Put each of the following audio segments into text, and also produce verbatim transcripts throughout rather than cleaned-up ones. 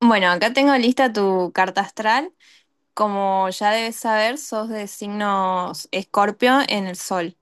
Bueno, acá tengo lista tu carta astral. Como ya debes saber, sos de signos Escorpio en el Sol.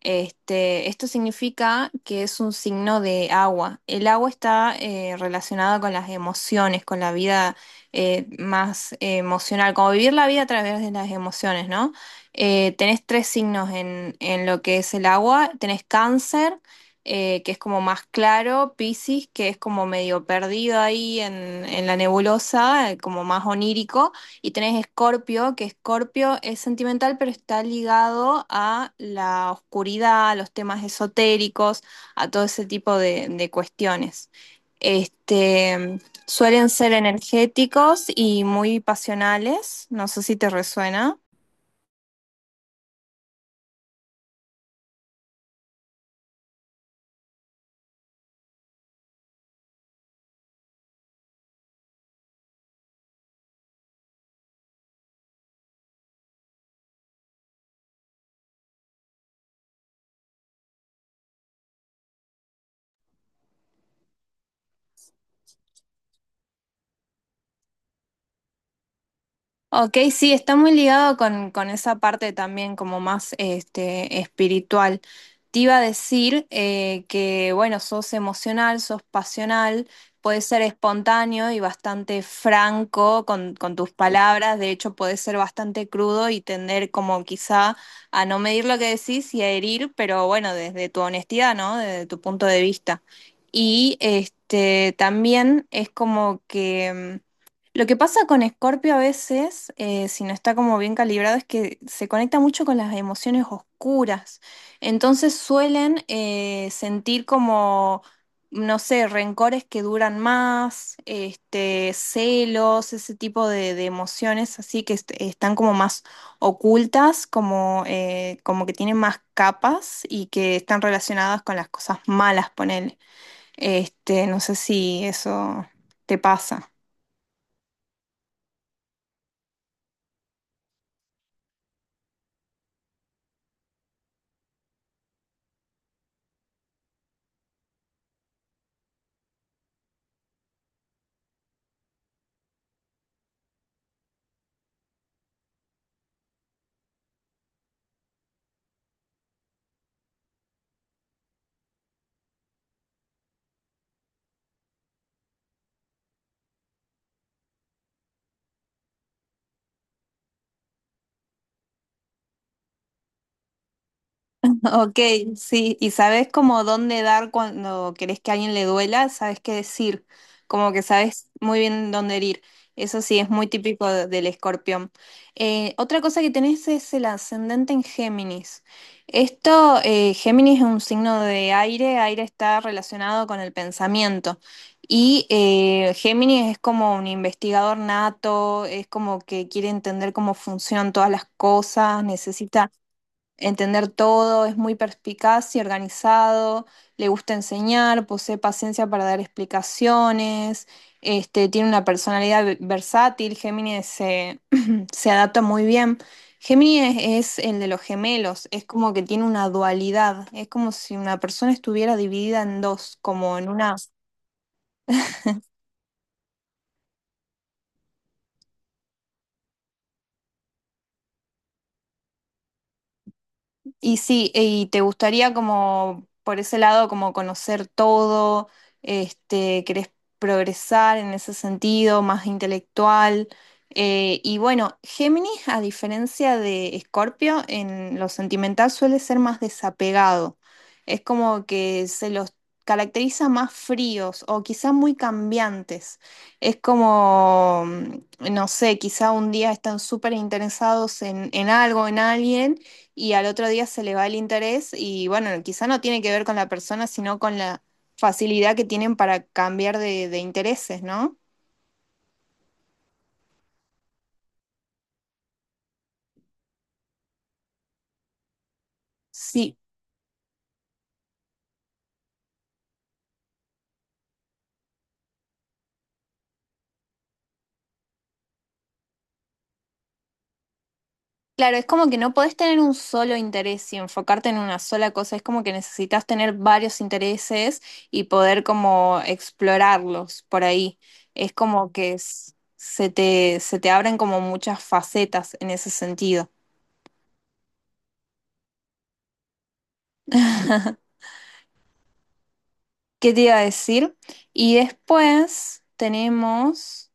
Este, esto significa que es un signo de agua. El agua está eh, relacionada con las emociones, con la vida eh, más emocional, como vivir la vida a través de las emociones, ¿no? Eh, tenés tres signos en, en lo que es el agua. Tenés Cáncer, eh, que es como más claro, Piscis, que es como medio perdido ahí en, en la nebulosa, eh, como más onírico. Y tenés Escorpio, que Escorpio es sentimental, pero está ligado a la oscuridad, a los temas esotéricos, a todo ese tipo de, de cuestiones. Este, suelen ser energéticos y muy pasionales, no sé si te resuena. Ok, sí, está muy ligado con, con esa parte también como más este, espiritual. Te iba a decir eh, que, bueno, sos emocional, sos pasional, podés ser espontáneo y bastante franco con, con tus palabras, de hecho podés ser bastante crudo y tender como quizá a no medir lo que decís y a herir, pero bueno, desde tu honestidad, ¿no? Desde tu punto de vista. Y este, también es como que mm, lo que pasa con Escorpio a veces, eh, si no está como bien calibrado, es que se conecta mucho con las emociones oscuras. Entonces suelen eh, sentir como, no sé, rencores que duran más, este, celos, ese tipo de, de emociones así que est- están como más ocultas, como, eh, como que tienen más capas y que están relacionadas con las cosas malas, ponele. Este, no sé si eso te pasa. Ok, sí, y sabes como dónde dar cuando querés que a alguien le duela, sabes qué decir, como que sabes muy bien dónde herir. Eso sí, es muy típico de- del escorpión. Eh, otra cosa que tenés es el ascendente en Géminis. Esto, eh, Géminis es un signo de aire, aire está relacionado con el pensamiento. Y eh, Géminis es como un investigador nato, es como que quiere entender cómo funcionan todas las cosas, necesita entender todo, es muy perspicaz y organizado, le gusta enseñar, posee paciencia para dar explicaciones, este, tiene una personalidad ve- versátil, Géminis se, se adapta muy bien. Géminis es el de los gemelos, es como que tiene una dualidad, es como si una persona estuviera dividida en dos, como en una... Y sí, y te gustaría como por ese lado como conocer todo, este, querés progresar en ese sentido, más intelectual. Eh, y bueno, Géminis, a diferencia de Escorpio, en lo sentimental suele ser más desapegado. Es como que se los caracteriza más fríos o quizá muy cambiantes. Es como, mm, no sé, quizá un día están súper interesados en en algo, en alguien y al otro día se le va el interés y bueno, quizá no tiene que ver con la persona, sino con la facilidad que tienen para cambiar de, de intereses, ¿no? Sí, claro, es como que no podés tener un solo interés y enfocarte en una sola cosa, es como que necesitas tener varios intereses y poder como explorarlos por ahí. Es como que s- se te, se te abren como muchas facetas en ese sentido. ¿Qué te iba a decir? Y después tenemos...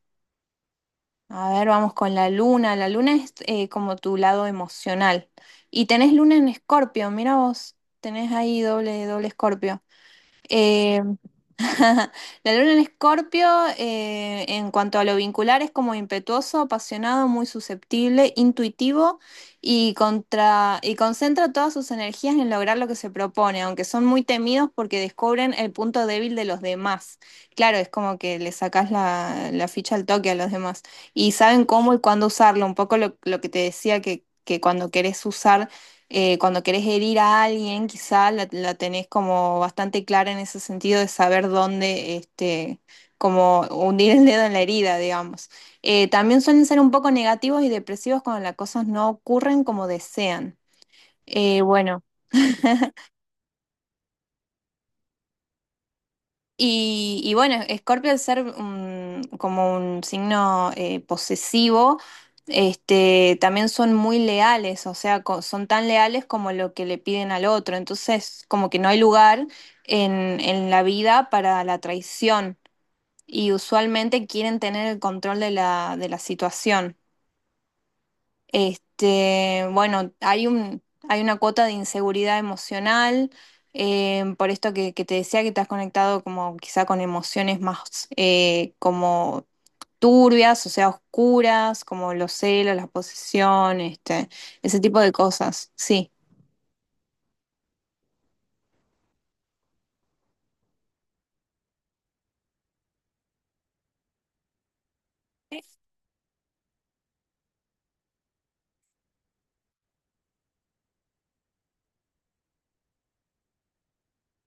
A ver, vamos con la luna. La luna es eh, como tu lado emocional. Y tenés luna en Escorpio, mira vos, tenés ahí doble, doble Escorpio. Eh, la luna en Escorpio, eh, en cuanto a lo vincular, es como impetuoso, apasionado, muy susceptible, intuitivo y, contra, y concentra todas sus energías en lograr lo que se propone, aunque son muy temidos porque descubren el punto débil de los demás. Claro, es como que le sacás la, la ficha al toque a los demás y saben cómo y cuándo usarlo, un poco lo, lo que te decía que, que cuando querés usar eh, cuando querés herir a alguien, quizá la, la tenés como bastante clara en ese sentido de saber dónde, este, como hundir el dedo en la herida, digamos. Eh, también suelen ser un poco negativos y depresivos cuando las cosas no ocurren como desean. Eh, bueno. Y, y bueno, Escorpio al ser un- como un signo eh, posesivo, este, también son muy leales, o sea, co- son tan leales como lo que le piden al otro. Entonces, como que no hay lugar en, en la vida para la traición y usualmente quieren tener el control de la, de la situación. Este, bueno, hay un, hay una cuota de inseguridad emocional, eh, por esto que, que te decía que te has conectado como quizá con emociones más eh, como turbias, o sea, oscuras, como los celos, la posesión, este, ese tipo de cosas, sí.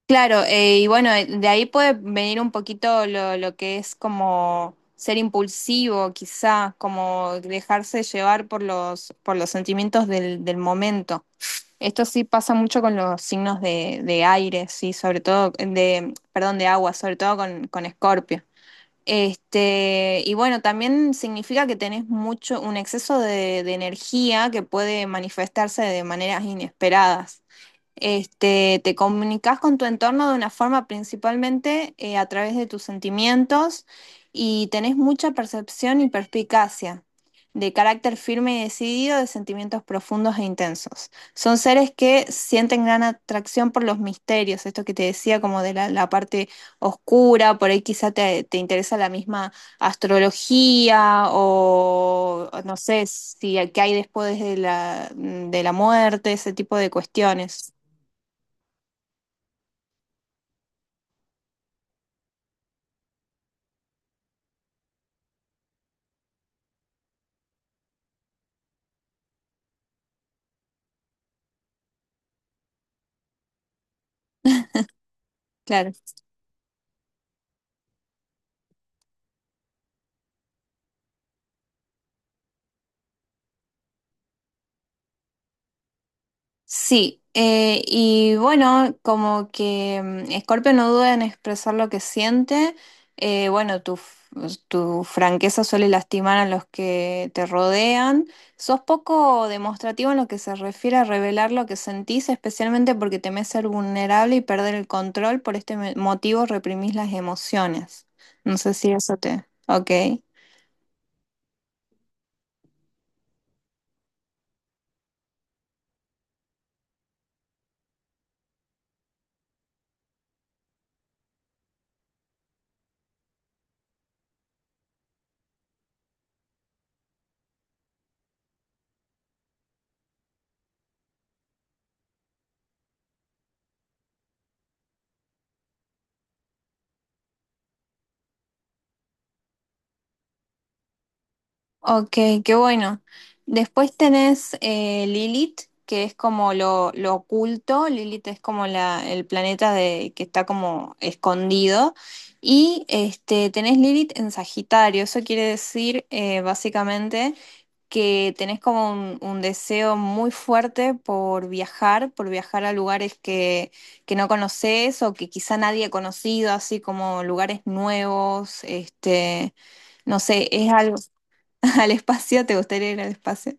Claro, eh, y bueno, eh, de ahí puede venir un poquito lo, lo que es como ser impulsivo, quizá, como dejarse llevar por los, por los sentimientos del, del momento. Esto sí pasa mucho con los signos de, de aire, sí, sobre todo, de, perdón, de agua, sobre todo con, con Escorpio. Este, y bueno, también significa que tenés mucho, un exceso de, de energía que puede manifestarse de maneras inesperadas. Este, te comunicas con tu entorno de una forma principalmente eh, a través de tus sentimientos y tenés mucha percepción y perspicacia, de carácter firme y decidido, de sentimientos profundos e intensos. Son seres que sienten gran atracción por los misterios, esto que te decía como de la, la parte oscura, por ahí quizá te, te interesa la misma astrología o no sé si qué hay después de la, de la muerte, ese tipo de cuestiones. Claro, sí. eh, y bueno, como que mm, Scorpio no duda en expresar lo que siente, eh, bueno, tu, f- tu franqueza suele lastimar a los que te rodean. Sos poco demostrativo en lo que se refiere a revelar lo que sentís, especialmente porque temés ser vulnerable y perder el control. Por este me- motivo reprimís las emociones. No sé si eso te... Ok. Ok, qué bueno. Después tenés eh, Lilith, que es como lo, lo oculto. Lilith es como la, el planeta de, que está como escondido. Y este, tenés Lilith en Sagitario. Eso quiere decir eh, básicamente que tenés como un, un deseo muy fuerte por viajar, por viajar a lugares que, que no conoces o que quizá nadie ha conocido, así como lugares nuevos, este, no sé, es algo. Al espacio, ¿te gustaría ir al espacio?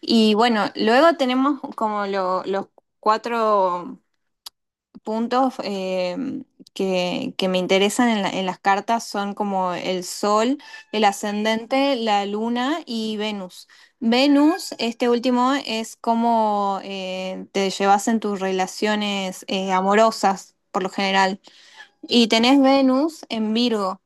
Y bueno, luego tenemos como lo- los cuatro puntos eh, que, que me interesan en, la- en las cartas, son como el Sol, el ascendente, la Luna y Venus. Venus, este último, es cómo eh, te llevas en tus relaciones eh, amorosas, por lo general. Y tenés Venus en Virgo,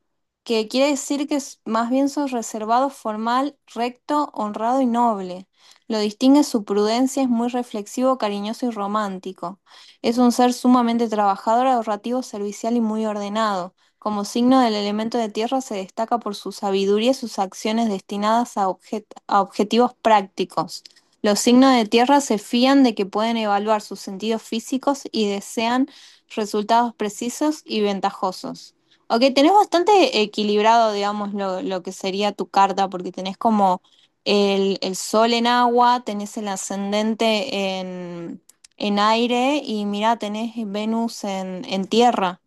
que quiere decir que es- más bien sos reservado, formal, recto, honrado y noble. Lo distingue su prudencia, es muy reflexivo, cariñoso y romántico. Es un ser sumamente trabajador, ahorrativo, servicial y muy ordenado. Como signo del elemento de tierra se destaca por su sabiduría y sus acciones destinadas a, objet- a objetivos prácticos. Los signos de tierra se fían de que pueden evaluar sus sentidos físicos y desean resultados precisos y ventajosos. Ok, tenés bastante equilibrado, digamos, lo, lo que sería tu carta, porque tenés como el, el sol en agua, tenés el ascendente en, en aire y mirá, tenés Venus en, en tierra.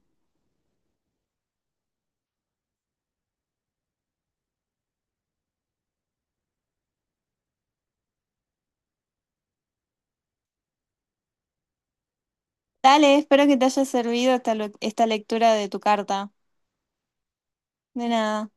Dale, espero que te haya servido esta, lo- esta lectura de tu carta. De nada.